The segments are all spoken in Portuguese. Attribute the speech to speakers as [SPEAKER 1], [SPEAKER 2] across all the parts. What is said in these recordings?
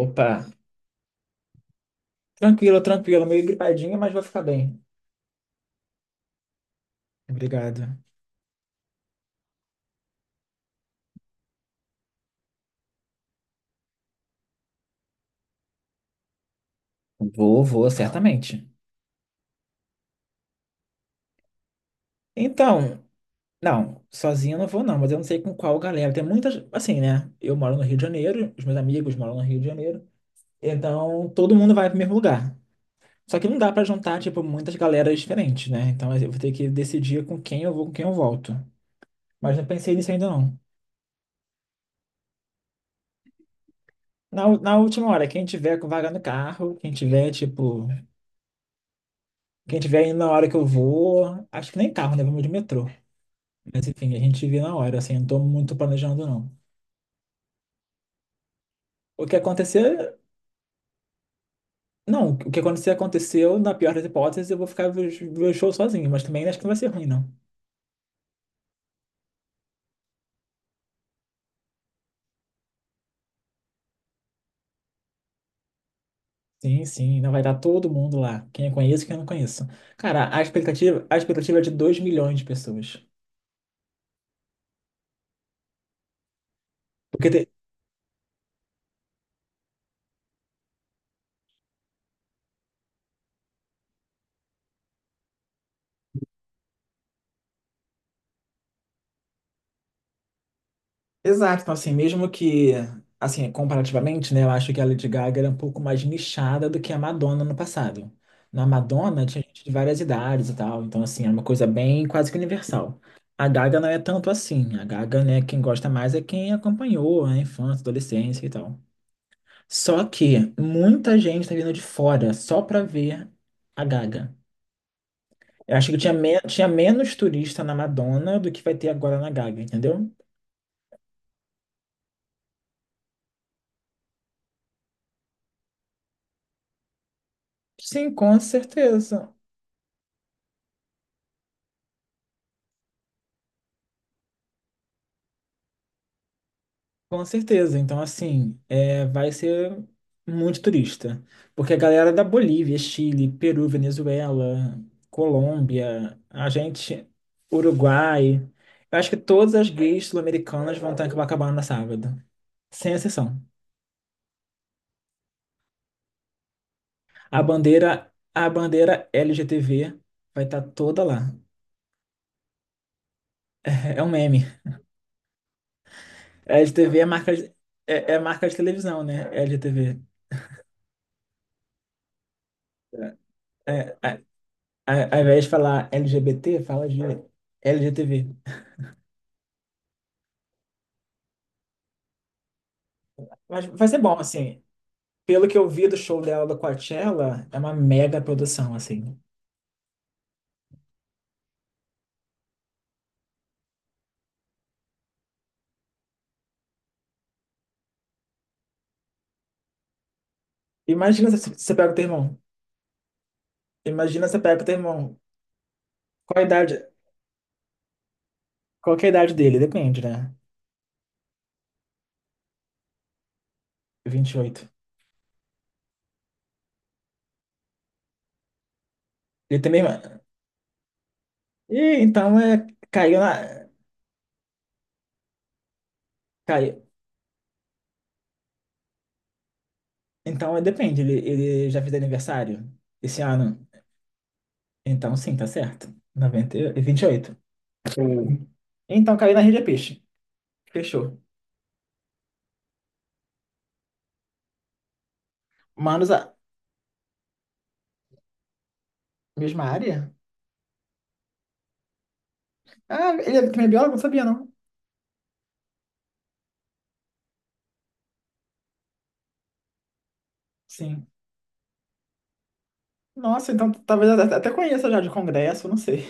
[SPEAKER 1] Opa, tranquilo, tranquilo, meio gripadinho, mas vou ficar bem. Obrigado. Vou, vou, certamente. Então, não, sozinho eu não vou não, mas eu não sei com qual galera. Tem muitas, assim, né? Eu moro no Rio de Janeiro, os meus amigos moram no Rio de Janeiro, então todo mundo vai pro mesmo lugar. Só que não dá pra juntar, tipo, muitas galeras diferentes, né? Então eu vou ter que decidir com quem eu vou, com quem eu volto. Mas não pensei nisso ainda não. Na última hora, quem tiver com vaga no carro, quem tiver, tipo, quem tiver indo na hora que eu vou, acho que nem carro, né? Vamos de metrô. Mas enfim, a gente vê na hora, assim, eu não tô muito planejando, não. O que acontecer, não, o que acontecer, aconteceu. Na pior das hipóteses, eu vou ficar ver o show sozinho, mas também acho que não vai ser ruim, não. Sim, sim, não vai dar todo mundo lá, quem eu conheço e quem eu não conheço. Cara, a expectativa é de 2 milhões de pessoas. Porque te- Exato, então assim, mesmo que, assim, comparativamente, né, eu acho que a Lady Gaga era um pouco mais nichada do que a Madonna no passado. Na Madonna tinha gente de várias idades e tal, então assim, era uma coisa bem quase que universal. A Gaga não é tanto assim, a Gaga, né, quem gosta mais é quem acompanhou a infância, adolescência e tal. Só que muita gente tá vindo de fora só pra ver a Gaga. Eu acho que tinha, tinha menos turista na Madonna do que vai ter agora na Gaga, entendeu? Sim, com certeza. Com certeza. Então, assim, é, vai ser muito turista. Porque a galera da Bolívia, Chile, Peru, Venezuela, Colômbia, a gente, Uruguai. Eu acho que todas as gays sul-americanas vão estar em Copacabana sábado. Sem exceção. A bandeira LGTV vai estar toda lá. É um meme. LGTV é marca de, é, é marca de televisão, né? LGTV. É, ao invés de falar LGBT, fala de LGTV. Mas vai ser bom, assim. Pelo que eu vi do show dela do Coachella, é uma mega produção, assim. Imagina se você pega o teu irmão. Imagina se você pega o teu irmão. Qual a idade? Qual que é a idade dele? Depende, né? Vinte e oito. Ele também. E então é. Caiu na. Caiu. Então é, depende. Ele já fez aniversário esse ano. Então sim, tá certo. 90, e 28. Sim. Então caiu na rede é peixe. Fechou. Manos, a mesma área? Ah, ele é também é biólogo? Não sabia, não. Sim. Nossa, então talvez eu até conheça já de congresso, não sei.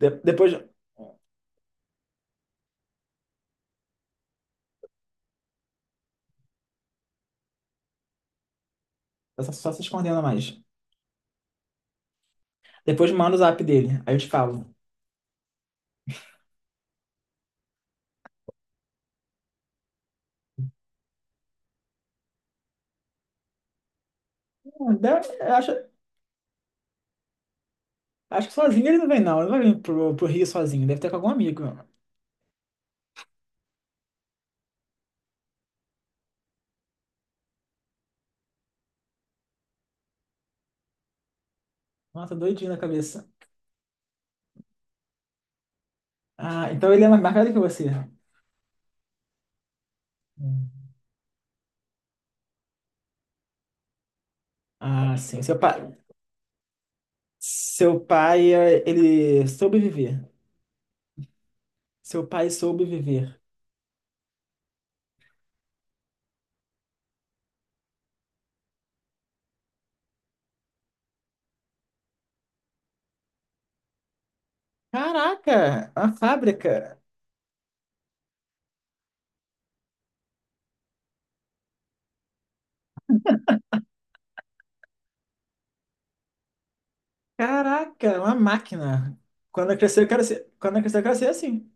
[SPEAKER 1] De- depois, essa só, só se escondendo mais. Depois manda o zap dele. Aí eu te falo. Eu acho, acho que sozinho ele não vem, não. Ele não vai vir pro, pro Rio sozinho. Deve ter com algum amigo. Nossa, doidinho na cabeça. Ah, então ele é mais velho que você. Hum. Ah, sim. Seu pai. Seu pai, ele soube viver. Seu pai soube viver. Caraca, uma fábrica. Caraca, uma máquina. Quando eu crescer, eu quero ser. Quando eu crescer, eu quero ser assim.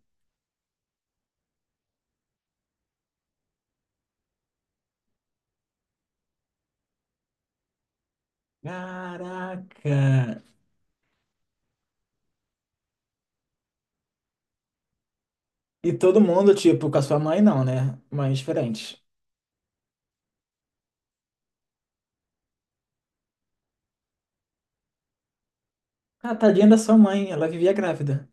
[SPEAKER 1] Caraca! E todo mundo, tipo, com a sua mãe não, né? Mães diferentes. Ah, tadinha da sua mãe, ela vivia grávida.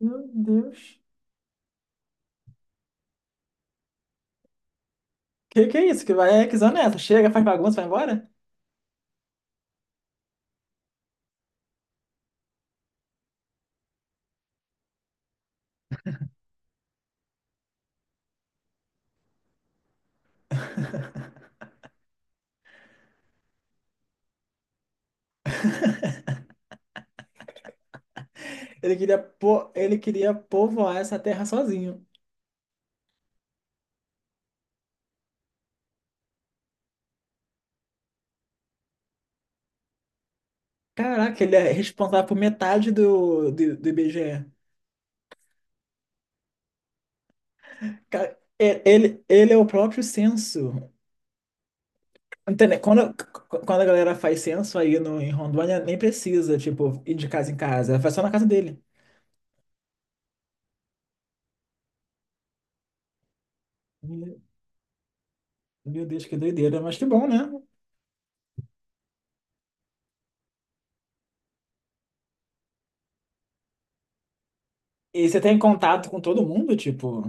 [SPEAKER 1] Meu Deus. Que é isso? Que vai é que zona é essa? Chega, faz bagunça, vai embora? Ele queria, po... ele queria povoar essa terra sozinho. Caraca, ele é responsável por metade do IBGE. Ele, ele é o próprio censo. Entende? Quando, quando a galera faz censo aí no, em Rondônia, nem precisa, tipo, ir de casa em casa. Faz só na casa dele. Meu Deus, que doideira, mas que bom, né? E você tem contato com todo mundo, tipo,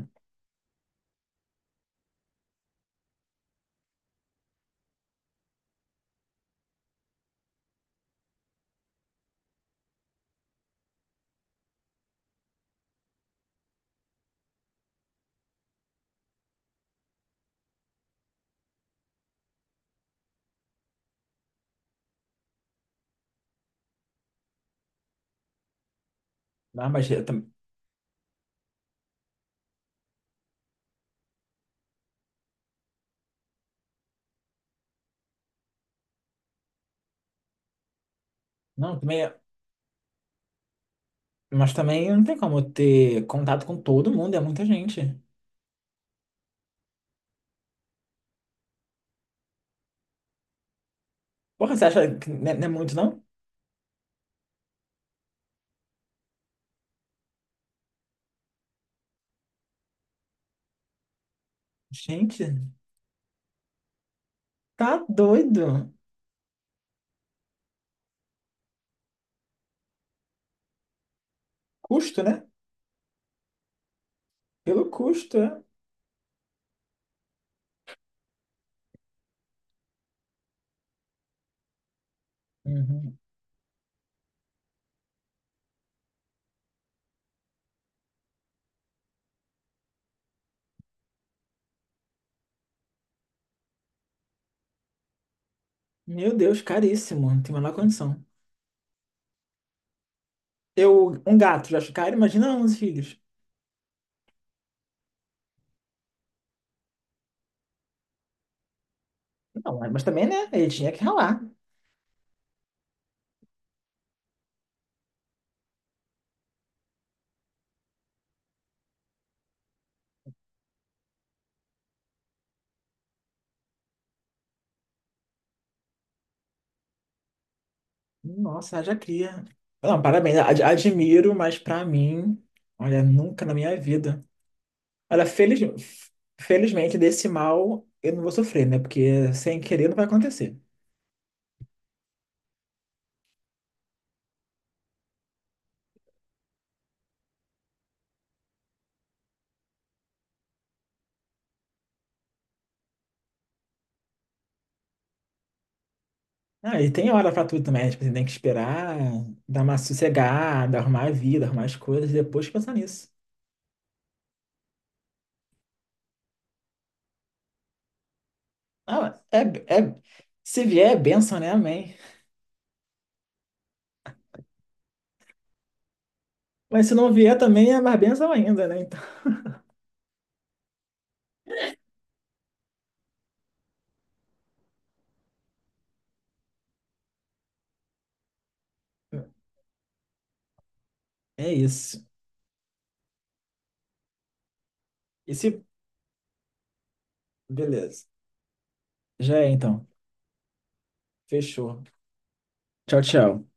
[SPEAKER 1] ah, mas eu tam- não, também, é, mas também não tem como ter contato com todo mundo, é muita gente. Porra, você acha que não é, não é muito, não? Gente, tá doido. Custo, né? Pelo custo, é. Uhum. Meu Deus, caríssimo, não tem a menor condição. Eu, um gato, já acho caro, imagina 11 filhos. Não, mas também, né? Ele tinha que ralar. Nossa, haja cria. Não, parabéns, admiro, mas pra mim, olha, nunca na minha vida. Olha, feliz, felizmente desse mal eu não vou sofrer, né? Porque sem querer não vai acontecer. Ah, e tem hora pra tudo também, né? Tipo, você tem que esperar, dar uma sossegada, arrumar a vida, arrumar as coisas, e depois pensar nisso. Ah, é, é, se vier é bênção, né? Amém. Mas se não vier também é mais bênção ainda, né? Então, é isso. E se, beleza. Já é então. Fechou. Tchau, tchau.